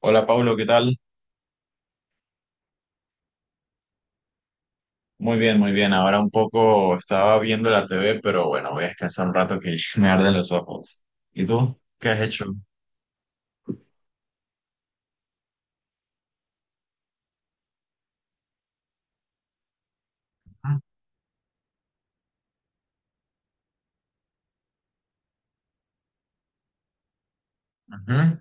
Hola Pablo, ¿qué tal? Muy bien, muy bien. Ahora un poco estaba viendo la TV, pero bueno, voy a descansar un rato que me arden los ojos. ¿Y tú? ¿Qué has hecho? Ah, ujú.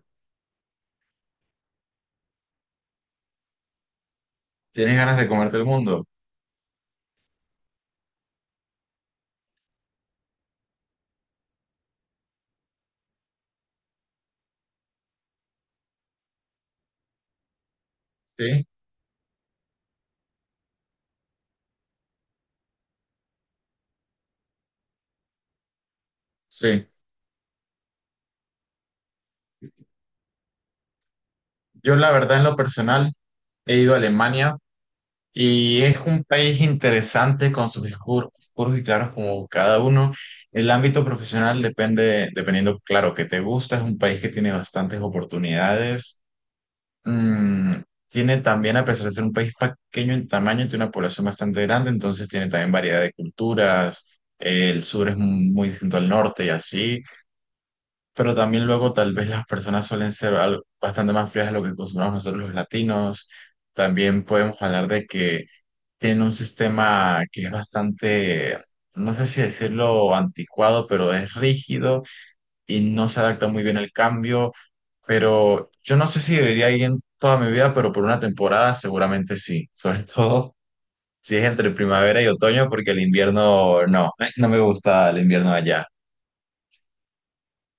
¿Tienes ganas de comerte el mundo? Sí, sí. Yo la verdad en lo personal he ido a Alemania y es un país interesante con sus oscuros, oscuros y claros como cada uno. El ámbito profesional depende, dependiendo, claro, que te gusta, es un país que tiene bastantes oportunidades. Mm, tiene también, a pesar de ser un país pequeño en tamaño, tiene una población bastante grande, entonces tiene también variedad de culturas. El sur es muy distinto al norte y así, pero también luego tal vez las personas suelen ser bastante más frías a lo que acostumbramos nosotros los latinos. También podemos hablar de que tiene un sistema que es bastante, no sé si decirlo anticuado, pero es rígido y no se adapta muy bien al cambio, pero yo no sé si debería ir en toda mi vida, pero por una temporada seguramente sí, sobre todo si es entre primavera y otoño, porque el invierno no, no me gusta el invierno allá,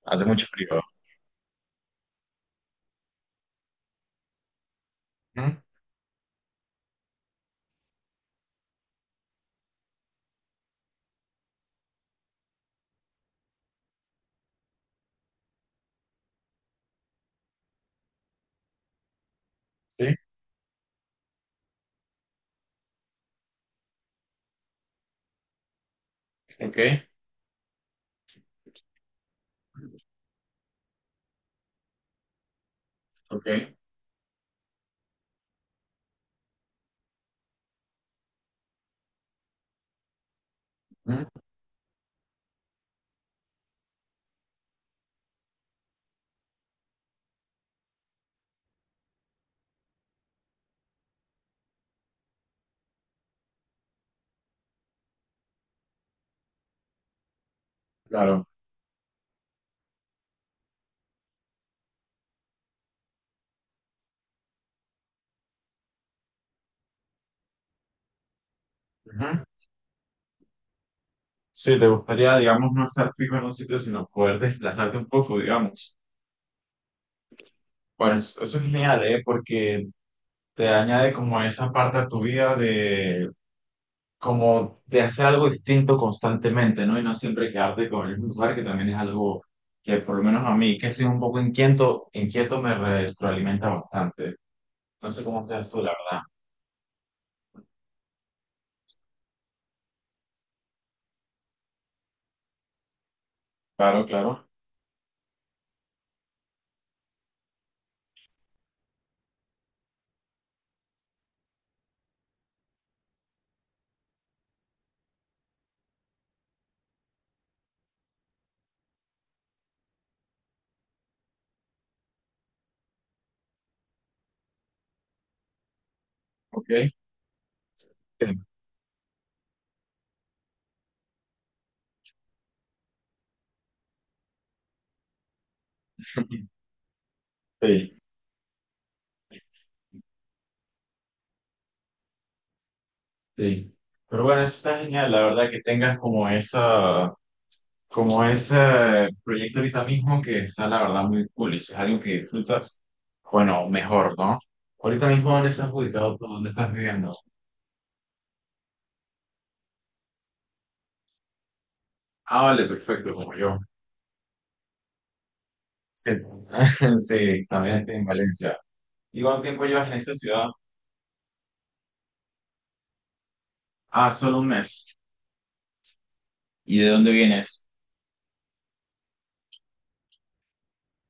hace mucho frío. ¿Mm? Sí, ok, ok. ¿Mm? Claro. Ujú. Sí, te gustaría, digamos, no estar fijo en un sitio, sino poder desplazarte un poco, digamos. Pues eso es genial, ¿eh? Porque te añade como esa parte a tu vida de como de hacer algo distinto constantemente, ¿no? Y no siempre quedarte con el mismo lugar, que también es algo que por lo menos a mí, que soy un poco inquieto, inquieto me retroalimenta bastante. No sé cómo seas tú, la verdad. Claro, claro. Ok. Sí, sí. Sí. Pero bueno, eso está genial, la verdad, que tengas como esa, como ese proyecto ahorita mismo que está, la verdad, muy cool. Y si es algo que disfrutas, bueno, mejor, ¿no? Ahorita mismo, ¿dónde estás ubicado tú? ¿Dónde estás viviendo? Ah, vale, perfecto, como yo. Sí, sí, también estoy en Valencia. ¿Y cuánto tiempo llevas en esta ciudad? Ah, solo un mes. ¿Y de dónde vienes?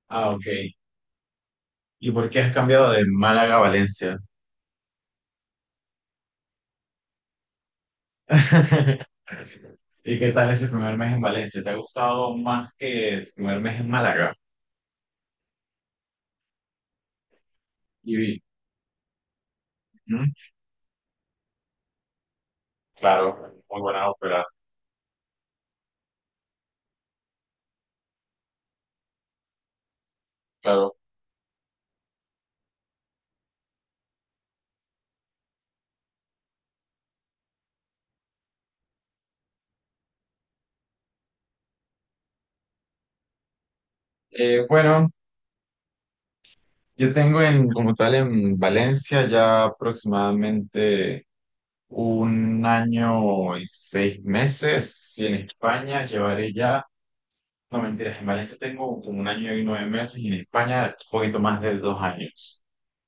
Ah, ok. ¿Y por qué has cambiado de Málaga a Valencia? ¿Y qué tal ese primer mes en Valencia? ¿Te ha gustado más que el primer mes en Málaga? Y, ¿mm? Claro, muy buena ópera, claro. Bueno, yo tengo en, como tal en Valencia ya aproximadamente un año y 6 meses y en España llevaré ya, no mentiras, en Valencia tengo como un año y 9 meses y en España un poquito más de 2 años.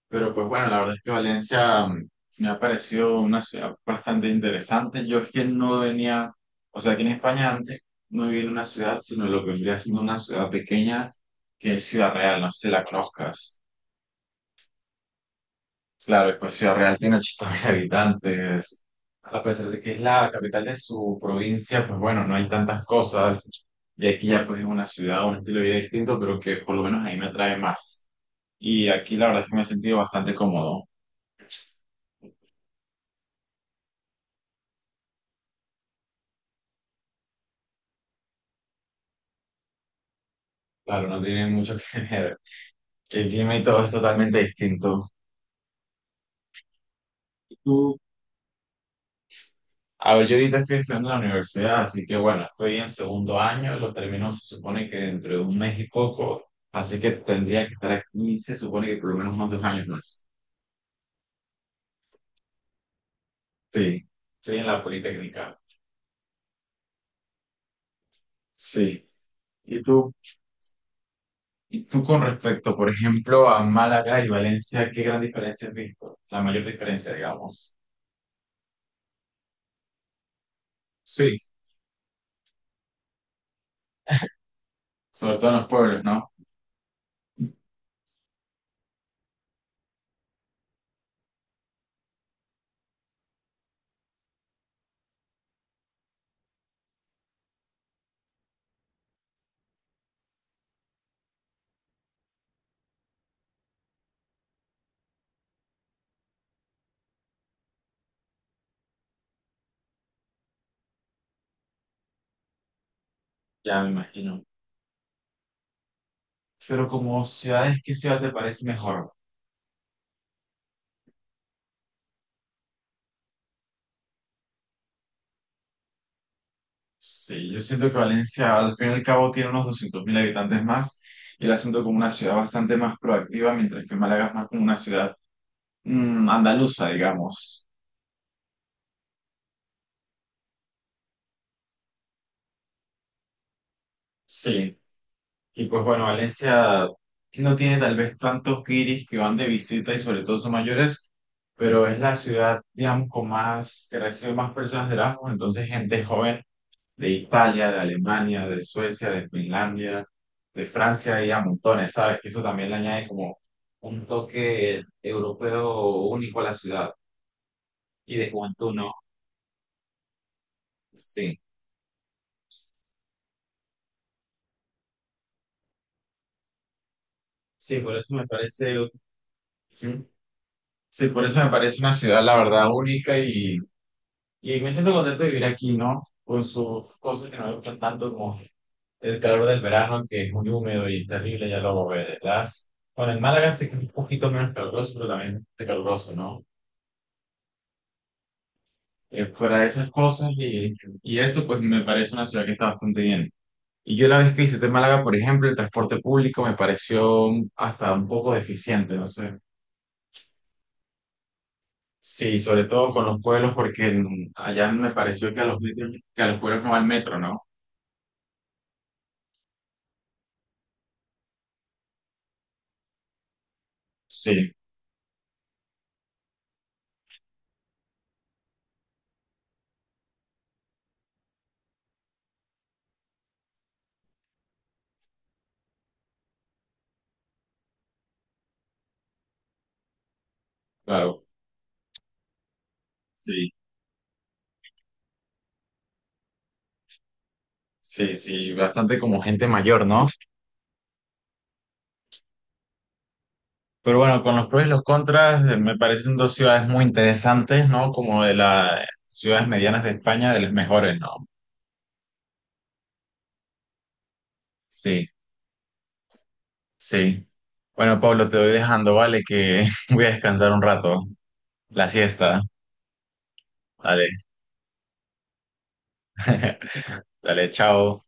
Pero pues bueno, la verdad es que Valencia me ha parecido una ciudad bastante interesante. Yo es que no venía, o sea, aquí en España antes no vivía en una ciudad, sino lo que vendría siendo una ciudad pequeña que es Ciudad Real, no sé si la conozcas. Claro, y pues Ciudad Real tiene 80 mil habitantes. A pesar de que es la capital de su provincia, pues bueno, no hay tantas cosas. Y aquí ya pues es una ciudad, un estilo de vida distinto, pero que por lo menos ahí me atrae más. Y aquí la verdad es que me he sentido bastante cómodo. Claro, no tiene mucho que ver. El clima y todo es totalmente distinto. Y tú, a ver, yo ahorita estoy estudiando en la universidad, así que bueno, estoy en segundo año, lo termino se supone que dentro de un mes y poco, así que tendría que estar aquí, se supone que por lo menos unos 2 años más. Sí, sí, en la Politécnica. Sí. Y tú, y tú con respecto, por ejemplo, a Málaga y Valencia, ¿qué gran diferencia has visto? La mayor diferencia, digamos. Sí. Sobre todo en los pueblos, ¿no? Ya me imagino. Pero como ciudades, ¿qué ciudad te parece mejor? Sí, yo siento que Valencia al fin y al cabo tiene unos 200.000 habitantes más y la siento como una ciudad bastante más proactiva, mientras que Málaga es más como una ciudad andaluza, digamos. Sí. Y pues bueno, Valencia no tiene tal vez tantos guiris que van de visita y sobre todo son mayores, pero es la ciudad, digamos, con más, que recibe más personas de Erasmus, entonces gente joven de Italia, de Alemania, de Suecia, de Finlandia, de Francia y a montones, ¿sabes? Que eso también le añade como un toque europeo único a la ciudad y de juventud, ¿no? Sí, sí, por eso me parece, sí, por eso me parece una ciudad, la verdad, única. Y me siento contento de vivir aquí, ¿no? Con sus cosas que no me gustan tanto como el calor del verano, que es muy húmedo y terrible, ya lo verás. Bueno, en Málaga sí que es un poquito menos caluroso, pero también es caluroso, ¿no? Fuera de esas cosas y eso, pues me parece una ciudad que está bastante bien. Y yo la vez que visité Málaga, por ejemplo, el transporte público me pareció hasta un poco deficiente, no sé. Sí, sobre todo con los pueblos, porque allá me pareció que que a los pueblos no va el metro, ¿no? Sí, claro. Sí, sí, sí, bastante como gente mayor, ¿no? Pero bueno, con los pros y los contras, me parecen dos ciudades muy interesantes, ¿no? Como de las ciudades medianas de España, de las mejores, ¿no? Sí, sí. Bueno, Pablo, te voy dejando, ¿vale? Que voy a descansar un rato, la siesta. Dale, dale, chao.